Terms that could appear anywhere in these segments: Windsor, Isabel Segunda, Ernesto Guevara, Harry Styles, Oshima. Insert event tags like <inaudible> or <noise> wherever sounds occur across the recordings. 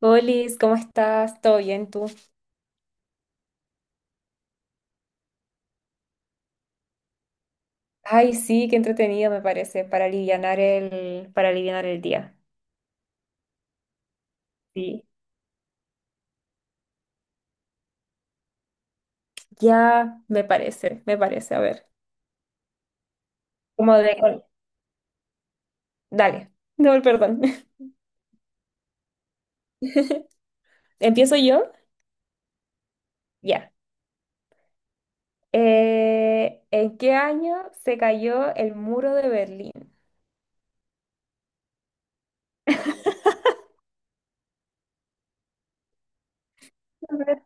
Olis, ¿cómo estás? ¿Todo bien tú? Ay, sí, qué entretenido me parece para alivianar para alivianar el día. Sí, ya me parece, me parece. A ver, como de... Dale, no, perdón. <laughs> ¿Empiezo yo? Ya. ¿En qué año se cayó el muro de Berlín? A ver,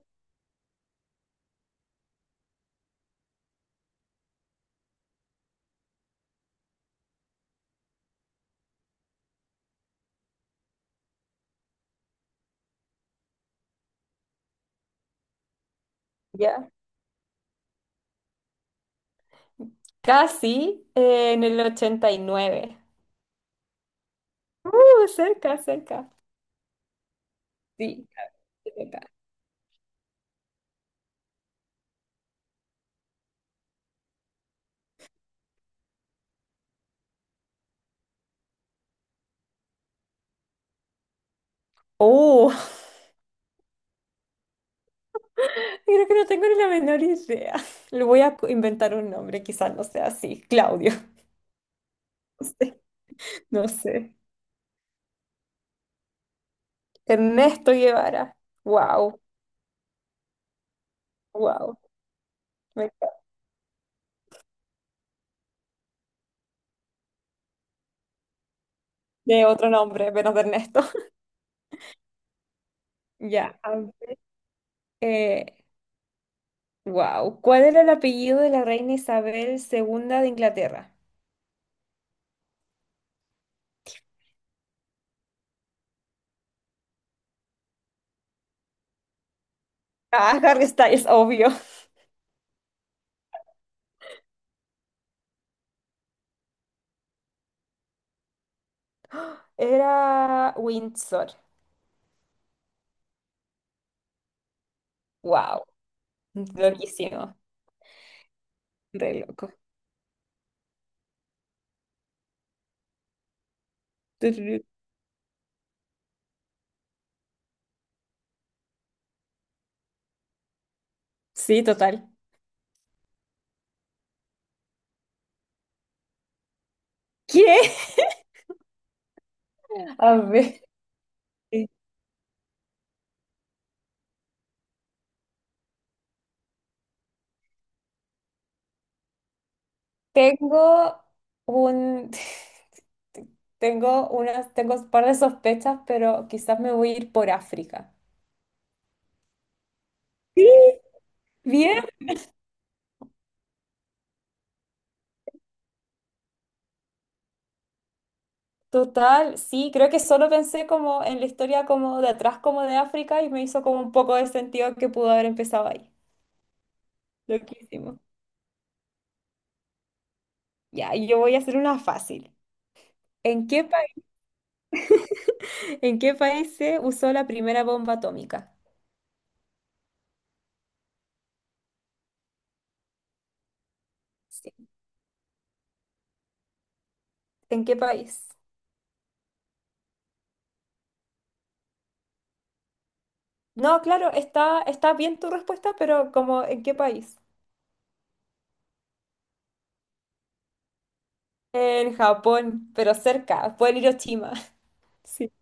ya. Casi en el 89. Cerca, cerca. Sí, casi cerca. Uh, Creo que no tengo ni la menor idea. <laughs> Le voy a inventar un nombre, quizás no sea así. Claudio. <laughs> No sé. No sé. Ernesto Guevara. Wow, wow. Me encanta. De otro nombre, menos de Ernesto. <laughs> Ya, a ver. Eh, wow. ¿Cuál era el apellido de la reina Isabel segunda de Inglaterra? Ah, <laughs> Harry Styles, obvio. Era Windsor. Wow. Loquísimo. Re loco. Tururú. Sí, total. ¿Qué? <laughs> A ver. Tengo un... <laughs> Tengo tengo un par de sospechas, pero quizás me voy a ir por África. Sí. Bien. Total, sí, creo que solo pensé como en la historia como de atrás como de África y me hizo como un poco de sentido que pudo haber empezado ahí. Loquísimo. Ya, y yo voy a hacer una fácil. ¿En qué país, <laughs> en qué país se usó la primera bomba atómica? Sí. ¿En qué país? No, claro, está bien tu respuesta, pero como ¿en qué país? En Japón, pero cerca, pueden ir a Oshima. <laughs> Sí,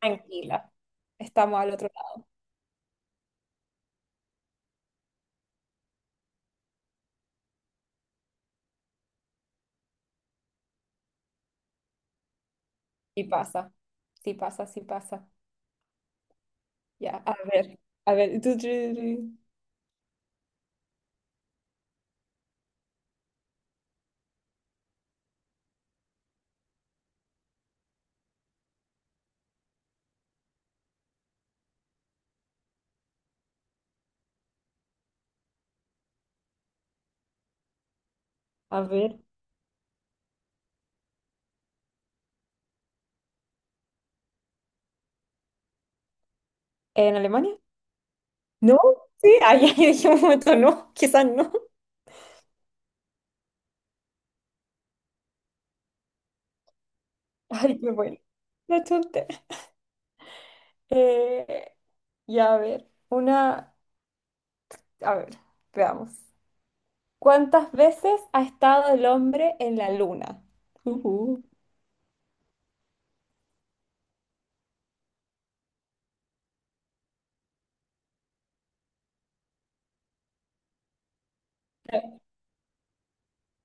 tranquila. Estamos al otro lado. Y pasa. Sí pasa, sí pasa. Ya, a ver. A ver. Tu. A ver. ¿En Alemania? No. Sí, ahí <laughs> dije un momento, no. Quizás no. <laughs> Ay, qué bueno. La chunté. Eh, ya, a ver. Una. A ver, veamos. ¿Cuántas veces ha estado el hombre en la luna? Ujú.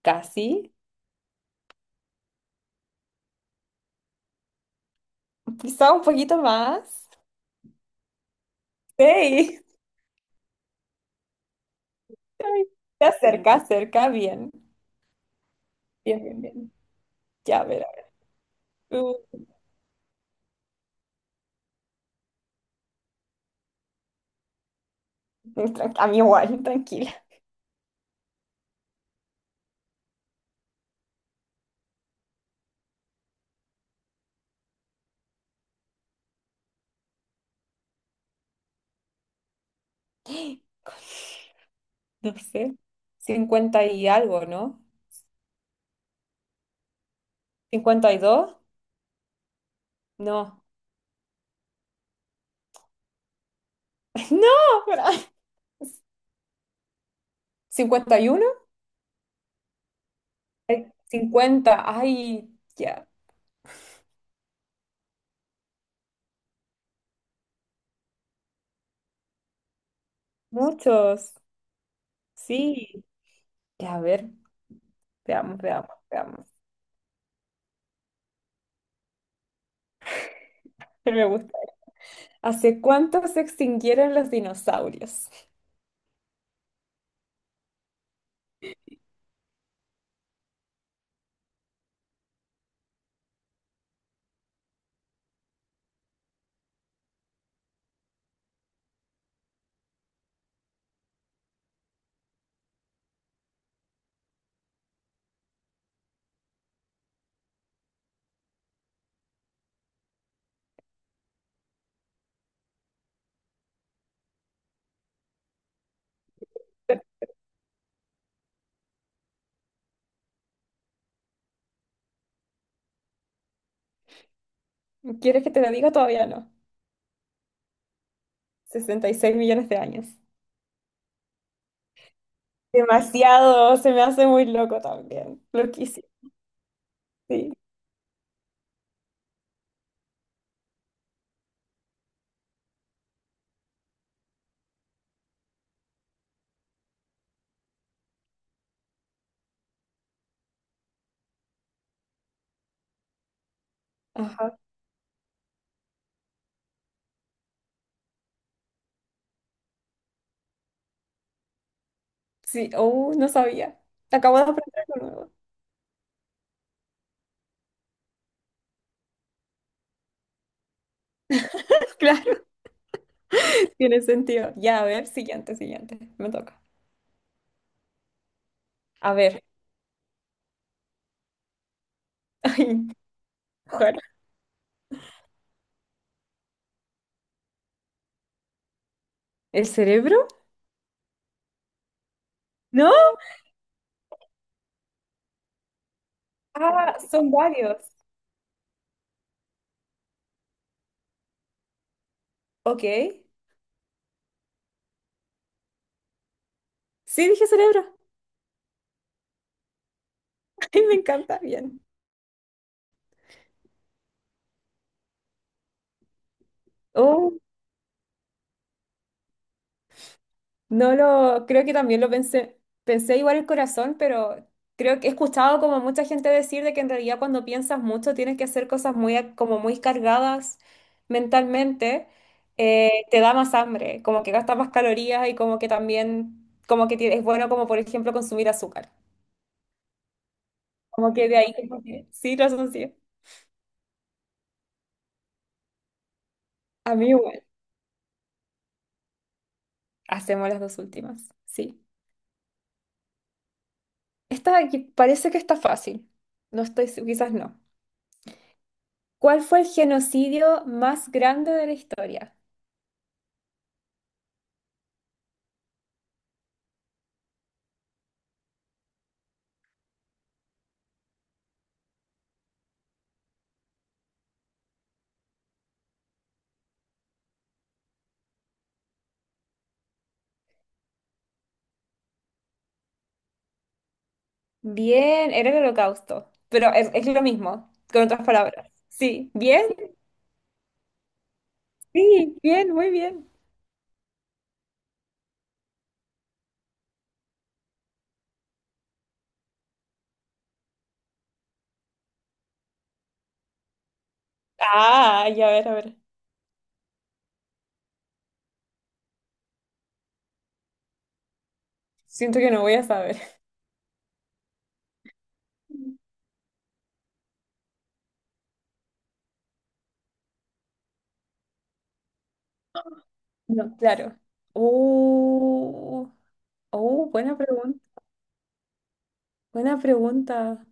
Casi. Quizá un poquito más. Sí. Ay, te acerca, acerca bien. Bien, bien, bien. Ya, a ver a ver. A mí igual, tranquila. <laughs> No sé. Cincuenta y algo, ¿no? Cincuenta y dos. No. <laughs> No, pero- ¿51? Ay, cincuenta. Ay, ya. Muchos. Sí. Ya, a ver. Veamos, veamos, veamos. <laughs> Me gusta. ¿Hace cuánto se extinguieron los dinosaurios? <laughs> ¿Quieres que te lo diga? Todavía no. Sesenta y seis millones de años. Demasiado, se me hace muy loco también. Loquísimo, sí. Ajá. Sí, oh, no sabía. Acabo de aprender algo nuevo. <laughs> Claro, tiene sentido. Ya, a ver, siguiente, siguiente. Me toca. A ver. <laughs> Ay, ojalá. ¿El cerebro? ¿No? Ah, son varios. Ok. Sí, dije cerebro. <laughs> Ay, me encanta, bien. Oh, no lo, creo que también lo pensé, pensé igual el corazón, pero creo que he escuchado como mucha gente decir de que en realidad cuando piensas mucho tienes que hacer cosas muy, como muy cargadas mentalmente, te da más hambre, como que gastas más calorías y como que también, como que es bueno como por ejemplo consumir azúcar, como que de ahí como que, sí, razón sí. A mí igual, hacemos las dos últimas, sí. Esta aquí parece que está fácil, no estoy, quizás no. ¿Cuál fue el genocidio más grande de la historia? Bien, era el Holocausto, pero es lo mismo, con otras palabras. Sí, bien, muy bien. Ah, ya, a ver, a ver. Siento que no voy a saber. No, claro. Uh, oh, buena pregunta. Buena pregunta.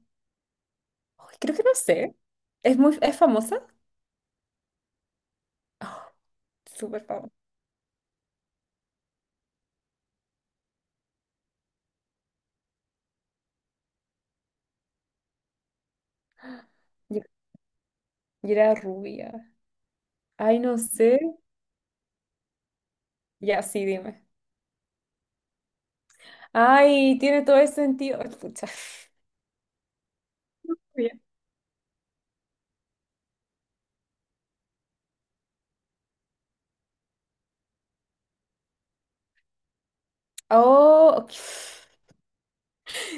Ay, creo que no sé. ¿Es muy, es famosa? Oh, súper famosa. Y y era rubia. Ay, no sé. Ya, sí, dime. Ay, tiene todo el sentido. Ay, pucha. <laughs> Oh, ok,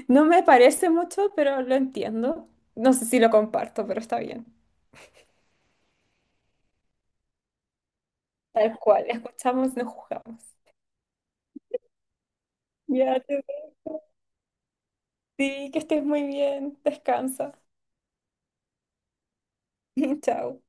no me parece mucho, pero lo entiendo. No sé si lo comparto, pero está bien. Tal cual, escuchamos, no juzgamos. Ya te dejo. Sí, que estés muy bien. Descansa. <laughs> Chao.